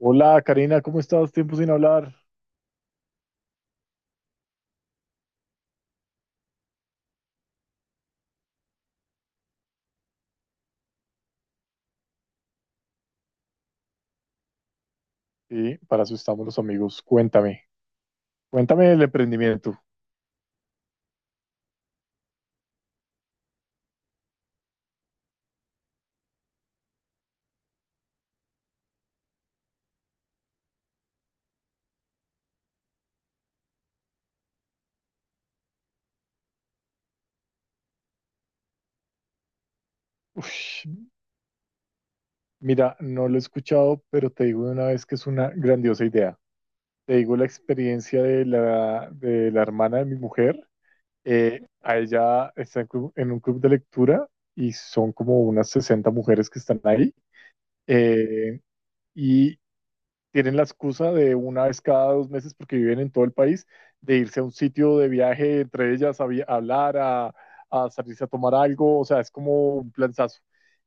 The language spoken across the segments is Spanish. Hola Karina, ¿cómo estás? Tiempo sin hablar. Y para eso estamos los amigos. Cuéntame, cuéntame el emprendimiento. Ush, mira, no lo he escuchado, pero te digo de una vez que es una grandiosa idea. Te digo la experiencia de la hermana de mi mujer. A ella está en un club de lectura y son como unas 60 mujeres que están ahí. Eh, tienen la excusa de una vez cada 2 meses, porque viven en todo el país, de irse a un sitio de viaje, entre ellas a hablar, a salirse a tomar algo, o sea, es como un planazo.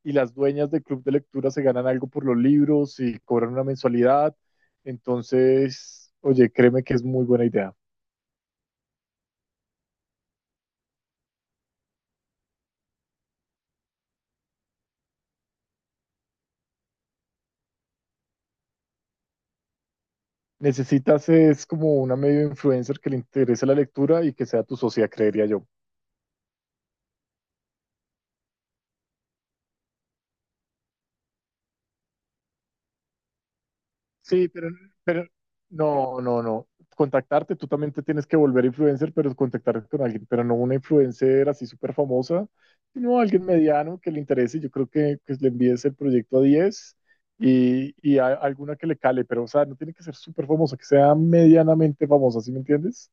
Y las dueñas del club de lectura se ganan algo por los libros y cobran una mensualidad. Entonces, oye, créeme que es muy buena idea. Necesitas es como una medio influencer que le interese la lectura y que sea tu socia, creería yo. Sí, pero no. Contactarte, tú también te tienes que volver influencer, pero contactarte con alguien, pero no una influencer así súper famosa, sino alguien mediano que le interese. Yo creo que le envíes el proyecto a 10 y alguna que le cale, pero o sea, no tiene que ser súper famosa, que sea medianamente famosa, ¿sí me entiendes?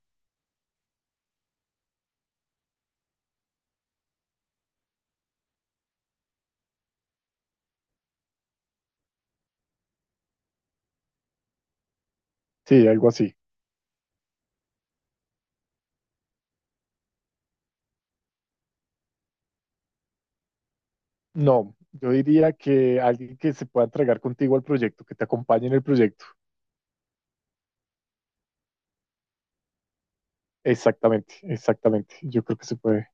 Sí, algo así. No, yo diría que alguien que se pueda entregar contigo al proyecto, que te acompañe en el proyecto. Exactamente, exactamente. Yo creo que se puede.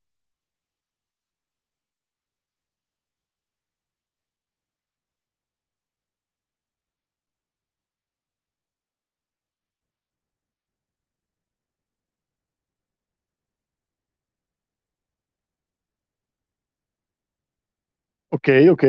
Ok, ok.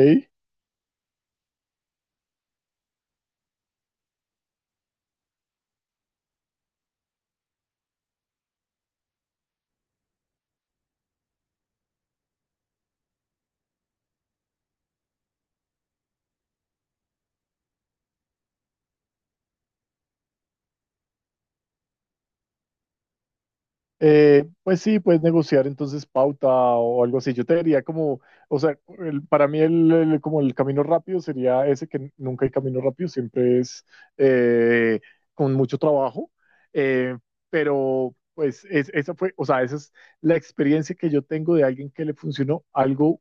Pues sí, puedes negociar entonces pauta o algo así. Yo te diría como, o sea, para mí como el camino rápido sería ese que nunca hay camino rápido, siempre es eh, con mucho trabajo. Eh, pero pues esa fue, o sea, esa es la experiencia que yo tengo de alguien que le funcionó algo,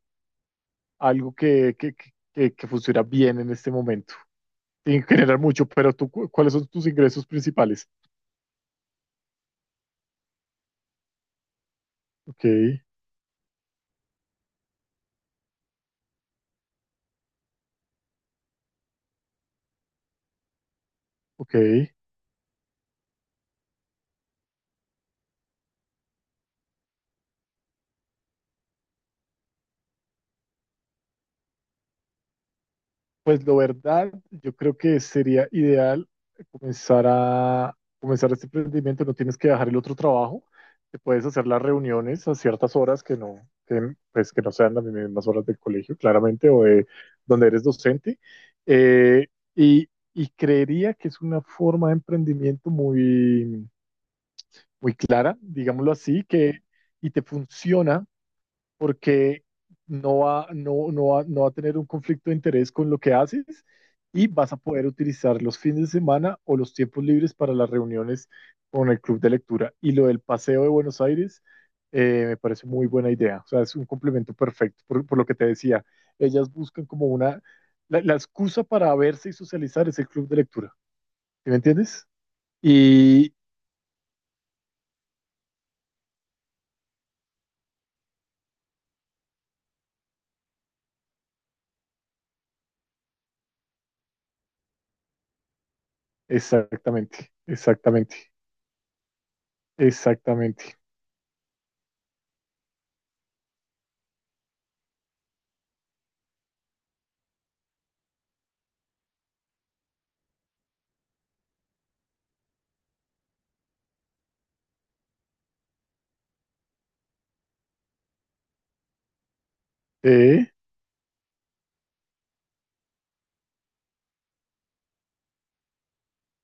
algo que funciona bien en este momento. Sin generar mucho, pero ¿cuáles son tus ingresos principales? Ok, ok. Pues la verdad, yo creo que sería ideal comenzar este emprendimiento. No tienes que dejar el otro trabajo. Te puedes hacer las reuniones a ciertas horas que no, que, pues, que no sean las mismas horas del colegio, claramente, o de donde eres docente. Eh, y, y creería que es una forma de emprendimiento muy, muy clara, digámoslo así, que y te funciona porque no va a tener un conflicto de interés con lo que haces y vas a poder utilizar los fines de semana o los tiempos libres para las reuniones con el club de lectura. Y lo del paseo de Buenos Aires me parece muy buena idea, o sea, es un complemento perfecto por lo que te decía. Ellas buscan como una, la excusa para verse y socializar es el club de lectura, ¿sí me entiendes? Y exactamente, exactamente, exactamente. ¿Eh?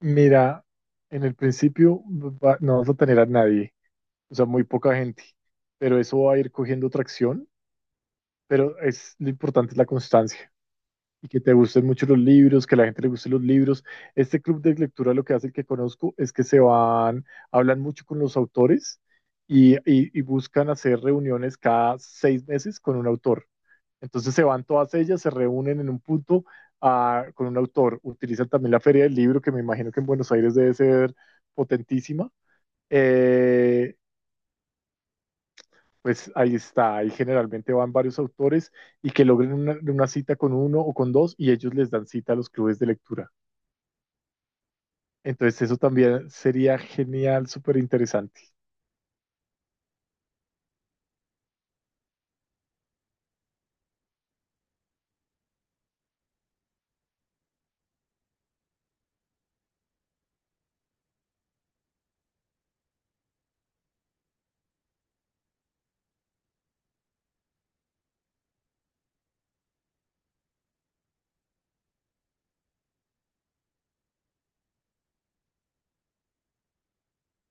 Mira, en el principio no vas a tener a nadie, o sea, muy poca gente, pero eso va a ir cogiendo tracción, pero es lo importante es la constancia y que te gusten mucho los libros, que a la gente le gusten los libros. Este club de lectura lo que hace el que conozco es que se van, hablan mucho con los autores y buscan hacer reuniones cada 6 meses con un autor. Entonces se van todas ellas, se reúnen en un punto ah, con un autor. Utilizan también la Feria del Libro, que me imagino que en Buenos Aires debe ser potentísima. Eh, pues ahí está, ahí generalmente van varios autores y que logren una cita con uno o con dos y ellos les dan cita a los clubes de lectura. Entonces eso también sería genial, súper interesante.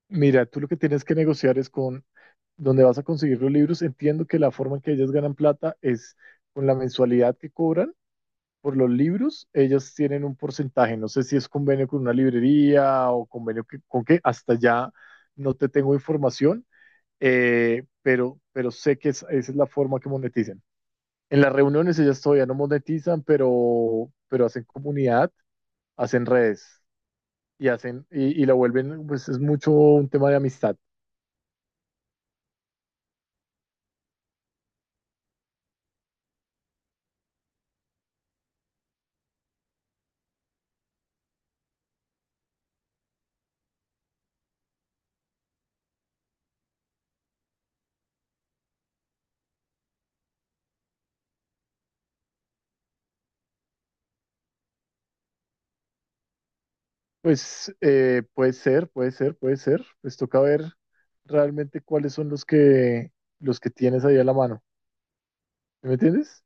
Mira, tú lo que tienes que negociar es con dónde vas a conseguir los libros. Entiendo que la forma en que ellas ganan plata es con la mensualidad que cobran por los libros. Ellas tienen un porcentaje, no sé si es convenio con una librería o convenio con qué, hasta ya no te tengo información, pero sé que esa es la forma que monetizan. En las reuniones ellas todavía no monetizan, pero hacen comunidad, hacen redes y hacen y la vuelven, pues es mucho un tema de amistad. Pues puede ser, puede ser, puede ser. Pues toca ver realmente cuáles son los que tienes ahí a la mano. ¿Sí? ¿Me entiendes?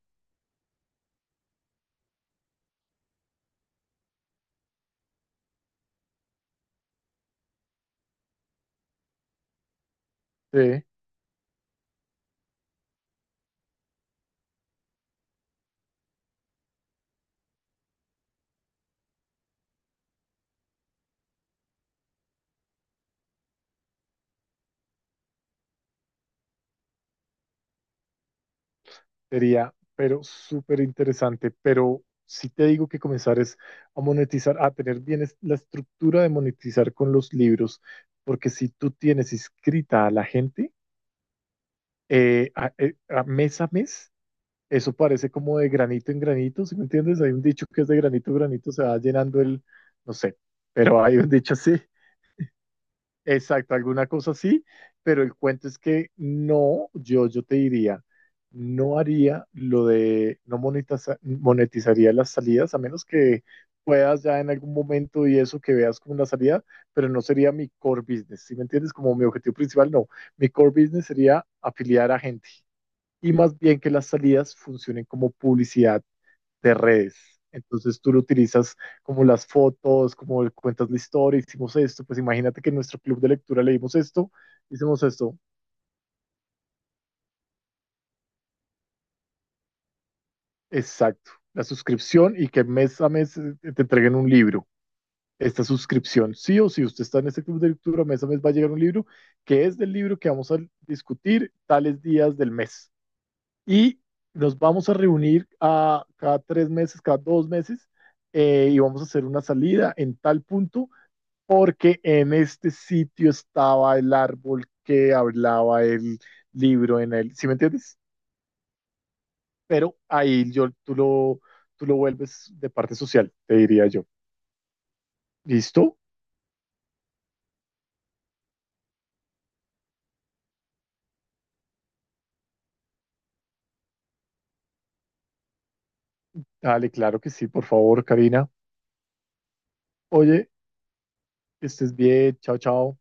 Sí. Sería, pero súper interesante. Pero si te digo que comenzar es a monetizar, a tener bien la estructura de monetizar con los libros, porque si tú tienes inscrita a la gente a mes, eso parece como de granito en granito, ¿sí me entiendes? Hay un dicho que es de granito en granito, se va llenando el, no sé, pero hay un dicho así. Exacto, alguna cosa así, pero el cuento es que no, yo te diría, no haría lo de, no monetiza- monetizaría las salidas, a menos que puedas ya en algún momento y eso que veas como una salida, pero no sería mi core business, ¿sí me entiendes? Como mi objetivo principal, no, mi core business sería afiliar a gente y más bien que las salidas funcionen como publicidad de redes. Entonces tú lo utilizas como las fotos, como cuentas la historia, hicimos esto, pues imagínate que en nuestro club de lectura leímos esto, hicimos esto, exacto, la suscripción y que mes a mes te entreguen un libro. Esta suscripción, sí o sí, usted está en este club de lectura, mes a mes va a llegar un libro que es del libro que vamos a discutir tales días del mes. Y nos vamos a reunir cada 3 meses, cada 2 meses, y vamos a hacer una salida en tal punto porque en este sitio estaba el árbol que hablaba el libro en él, ¿sí me entiendes? Pero ahí yo, tú lo vuelves de parte social, te diría yo. ¿Listo? Dale, claro que sí, por favor, Karina. Oye, que estés bien, chao, chao.